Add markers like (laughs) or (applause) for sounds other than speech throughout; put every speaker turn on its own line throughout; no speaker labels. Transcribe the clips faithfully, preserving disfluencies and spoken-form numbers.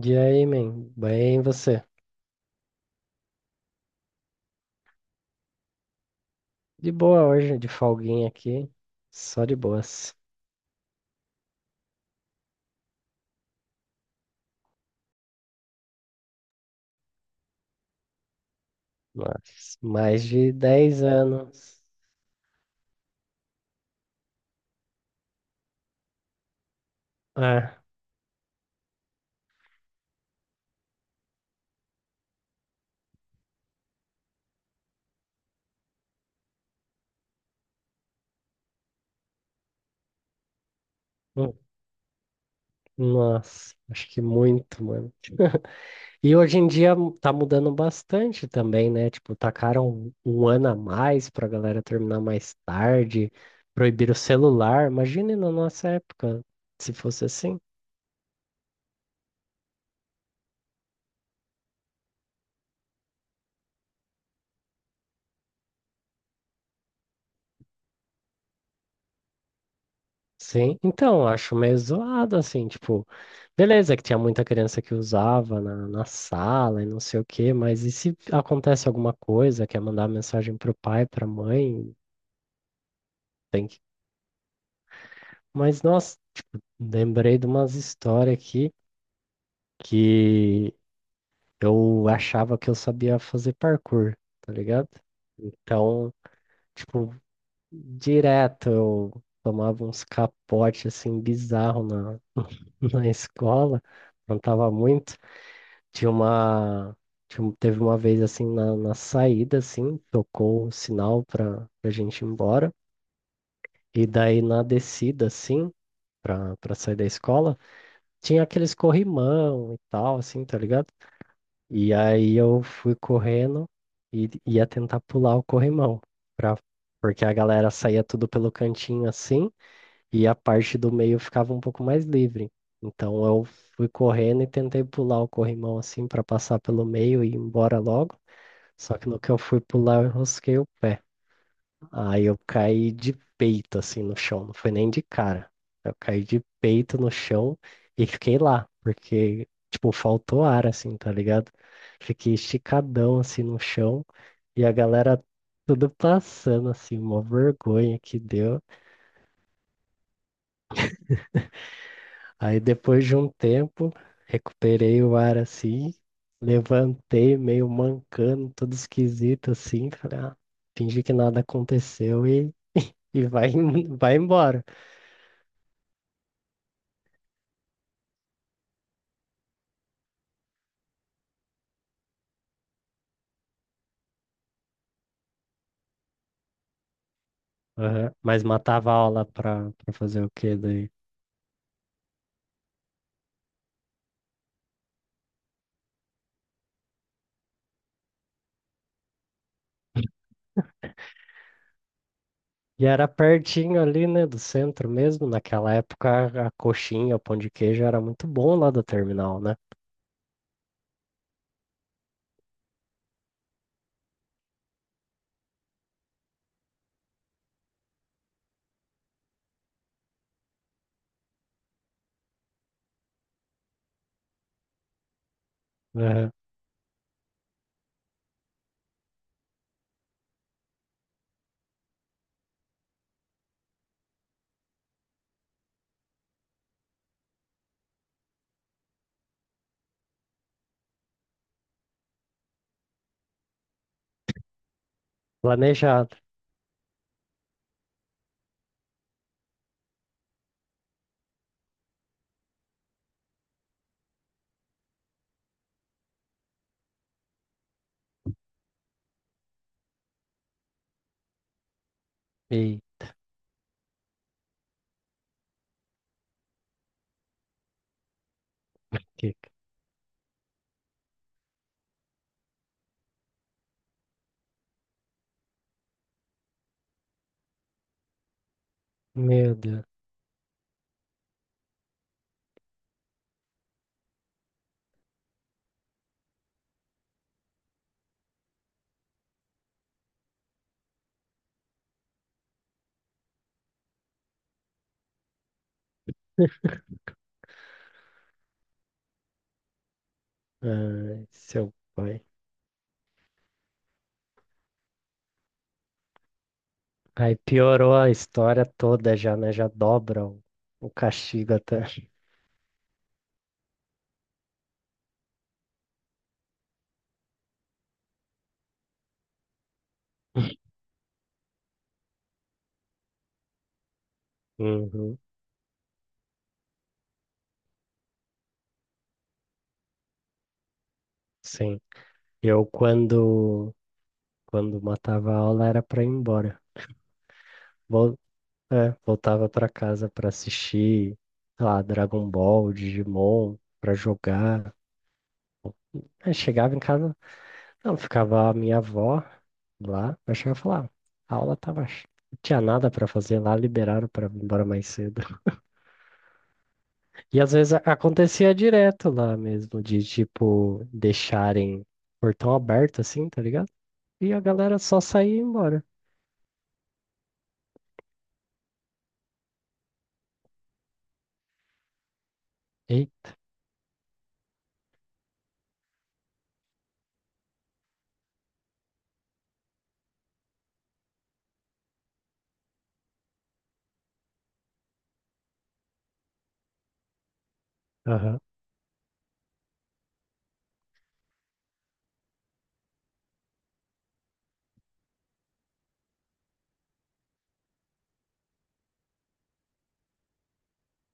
E aí, man? Bem, e você? De boa hoje, de folguinha aqui. Só de boas. Nossa, mais de dez anos. Ah, hum, nossa, acho que muito, mano. (laughs) E hoje em dia tá mudando bastante também, né? Tipo, tacaram um um ano a mais pra galera terminar mais tarde, proibiram o celular. Imagine na nossa época, se fosse assim. Sim, então, acho meio zoado, assim, tipo, beleza que tinha muita criança que usava na, na sala e não sei o quê, mas e se acontece alguma coisa, quer mandar mensagem pro pai, pra mãe, tem que... Mas, nossa, lembrei de umas histórias aqui que eu achava que eu sabia fazer parkour, tá ligado? Então, tipo, direto eu tomava uns capotes, assim, bizarro na, (laughs) na escola, não tava muito. Tinha uma. Tinha um- Teve uma vez assim na, na saída, assim, tocou o sinal pra, pra gente ir embora. E daí na descida, assim, pra, pra sair da escola, tinha aqueles corrimão e tal, assim, tá ligado? E aí eu fui correndo e ia tentar pular o corrimão. Pra, porque a galera saía tudo pelo cantinho assim, e a parte do meio ficava um pouco mais livre. Então eu fui correndo e tentei pular o corrimão assim pra passar pelo meio e ir embora logo. Só que no que eu fui pular, eu rosquei o pé. Aí eu caí de peito, assim, no chão. Não foi nem de cara. Eu caí de peito no chão e fiquei lá, porque, tipo, faltou ar, assim, tá ligado? Fiquei esticadão, assim, no chão e a galera tudo passando, assim, uma vergonha que deu. Aí depois de um tempo, recuperei o ar, assim, levantei meio mancando, todo esquisito, assim, falei, ah, fingi que nada aconteceu e e vai, em- (laughs) vai embora. Aham. Mas matava aula pra, pra fazer o quê daí? E era pertinho ali, né, do centro mesmo. Naquela época, a coxinha, o pão de queijo era muito bom lá do terminal, né? Aham. Planejado. E que... Meu Deus. Ai, seu pai. Aí piorou a história toda já, né? Já dobra o, o castigo até. (laughs) Uhum, sim. Eu quando quando matava a aula era para ir embora. Vou É, voltava pra casa pra assistir, sei lá, Dragon Ball, Digimon, pra jogar. Aí chegava em casa, não, ficava a minha avó lá, eu chegava e falava, "Ah, a aula tava, ch- não tinha nada pra fazer lá, liberaram pra ir embora mais cedo. (laughs) E às vezes a- acontecia direto lá mesmo, de tipo, deixarem o portão aberto assim, tá ligado? E a galera só saía e ia embora. Ei, aham.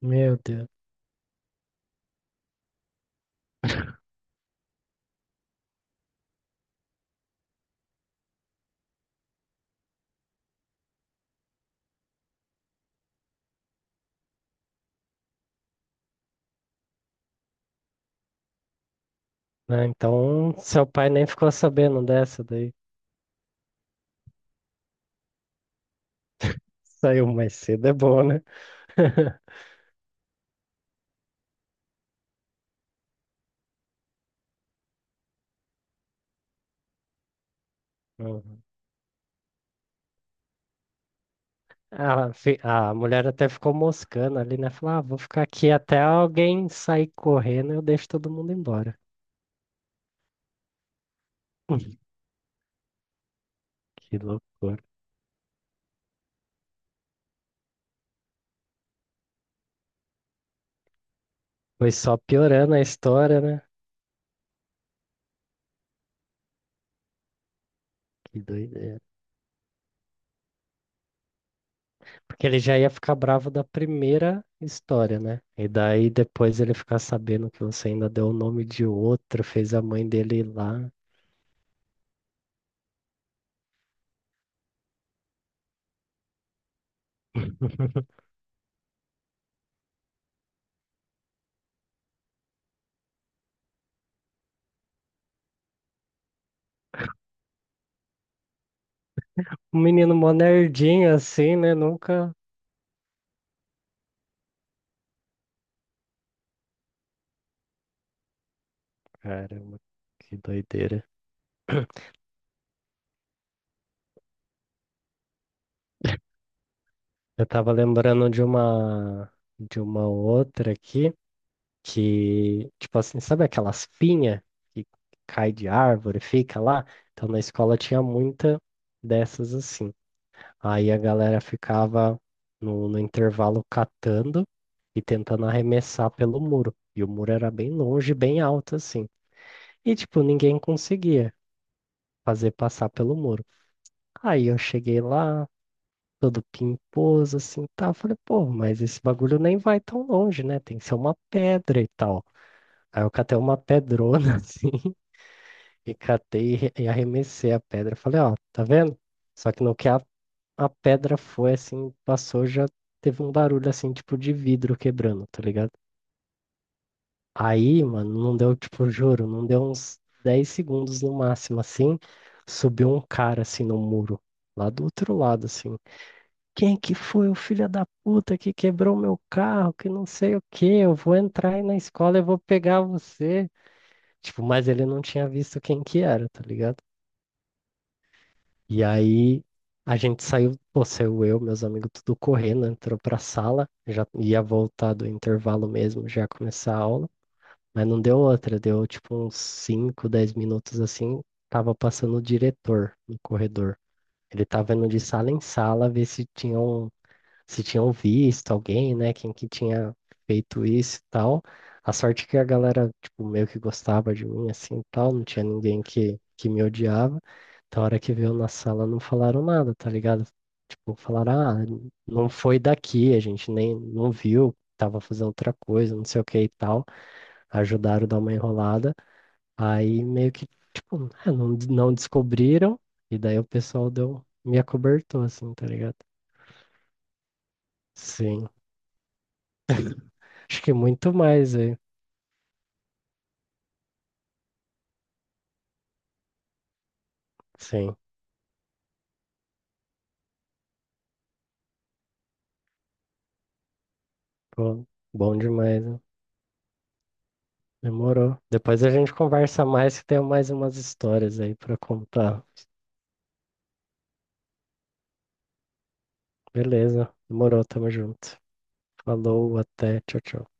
Meu Deus. Ah, então, seu pai nem ficou sabendo dessa daí. Saiu mais cedo, é bom, né? (laughs) Uhum. A, fi- a mulher até ficou moscando ali, né? Falou, ah, vou ficar aqui até alguém sair correndo, eu deixo todo mundo embora. (laughs) Que loucura. Foi só piorando a história, né? Que doideira. Porque ele já ia ficar bravo da primeira história, né? E daí depois ele ficar sabendo que você ainda deu o nome de outro, fez a mãe dele ir lá. (laughs) Um menino mó nerdinho assim, né? Nunca. Caramba, que doideira. Eu tava lembrando de uma de uma outra aqui que, tipo assim, sabe aquelas pinhas que cai de árvore, e fica lá? Então na escola tinha muita dessas assim. Aí a galera ficava no, no, intervalo catando e tentando arremessar pelo muro. E o muro era bem longe, bem alto assim. E tipo, ninguém conseguia fazer passar pelo muro. Aí eu cheguei lá, todo pimposo, assim, tá? Eu falei, pô, mas esse bagulho nem vai tão longe, né? Tem que ser uma pedra e tal. Aí eu catei uma pedrona, (laughs) assim, e catei e re- e arremessei a pedra. Falei, ó, tá vendo? Só que no que a, a pedra foi, assim, passou, já teve um barulho, assim, tipo de vidro quebrando, tá ligado? Aí, mano, não deu, tipo, juro, não deu uns dez segundos no máximo, assim, subiu um cara, assim, no muro, lá do outro lado, assim. Quem que foi o filho da puta que quebrou meu carro, que não sei o quê, eu vou entrar aí na escola e vou pegar você. Tipo, mas ele não tinha visto quem que era, tá ligado? E aí a gente saiu, pô, saiu eu, meus amigos, tudo correndo, entrou pra sala, já ia voltar do intervalo mesmo, já ia começar a aula, mas não deu outra, deu tipo uns cinco, dez minutos assim, tava passando o diretor no corredor. Ele tava indo de sala em sala ver se tinham se tinham visto alguém, né? Quem que tinha feito isso e tal. A sorte que a galera, tipo, meio que gostava de mim, assim, e tal. Não tinha ninguém que, que me odiava. Então, a hora que veio na sala, não falaram nada, tá ligado? Tipo, falaram, ah, não foi daqui, a gente nem não viu, tava fazendo outra coisa, não sei o que e tal. Ajudaram a dar uma enrolada. Aí, meio que, tipo, ah, não, não descobriram. E daí o pessoal deu, me acobertou, assim, tá ligado? Sim. Acho que muito mais aí. Sim. Pô, bom demais, né? Demorou. Depois a gente conversa mais que tem mais umas histórias aí pra contar. Beleza. Demorou, tamo junto. Falou, até. Tchau, tchau.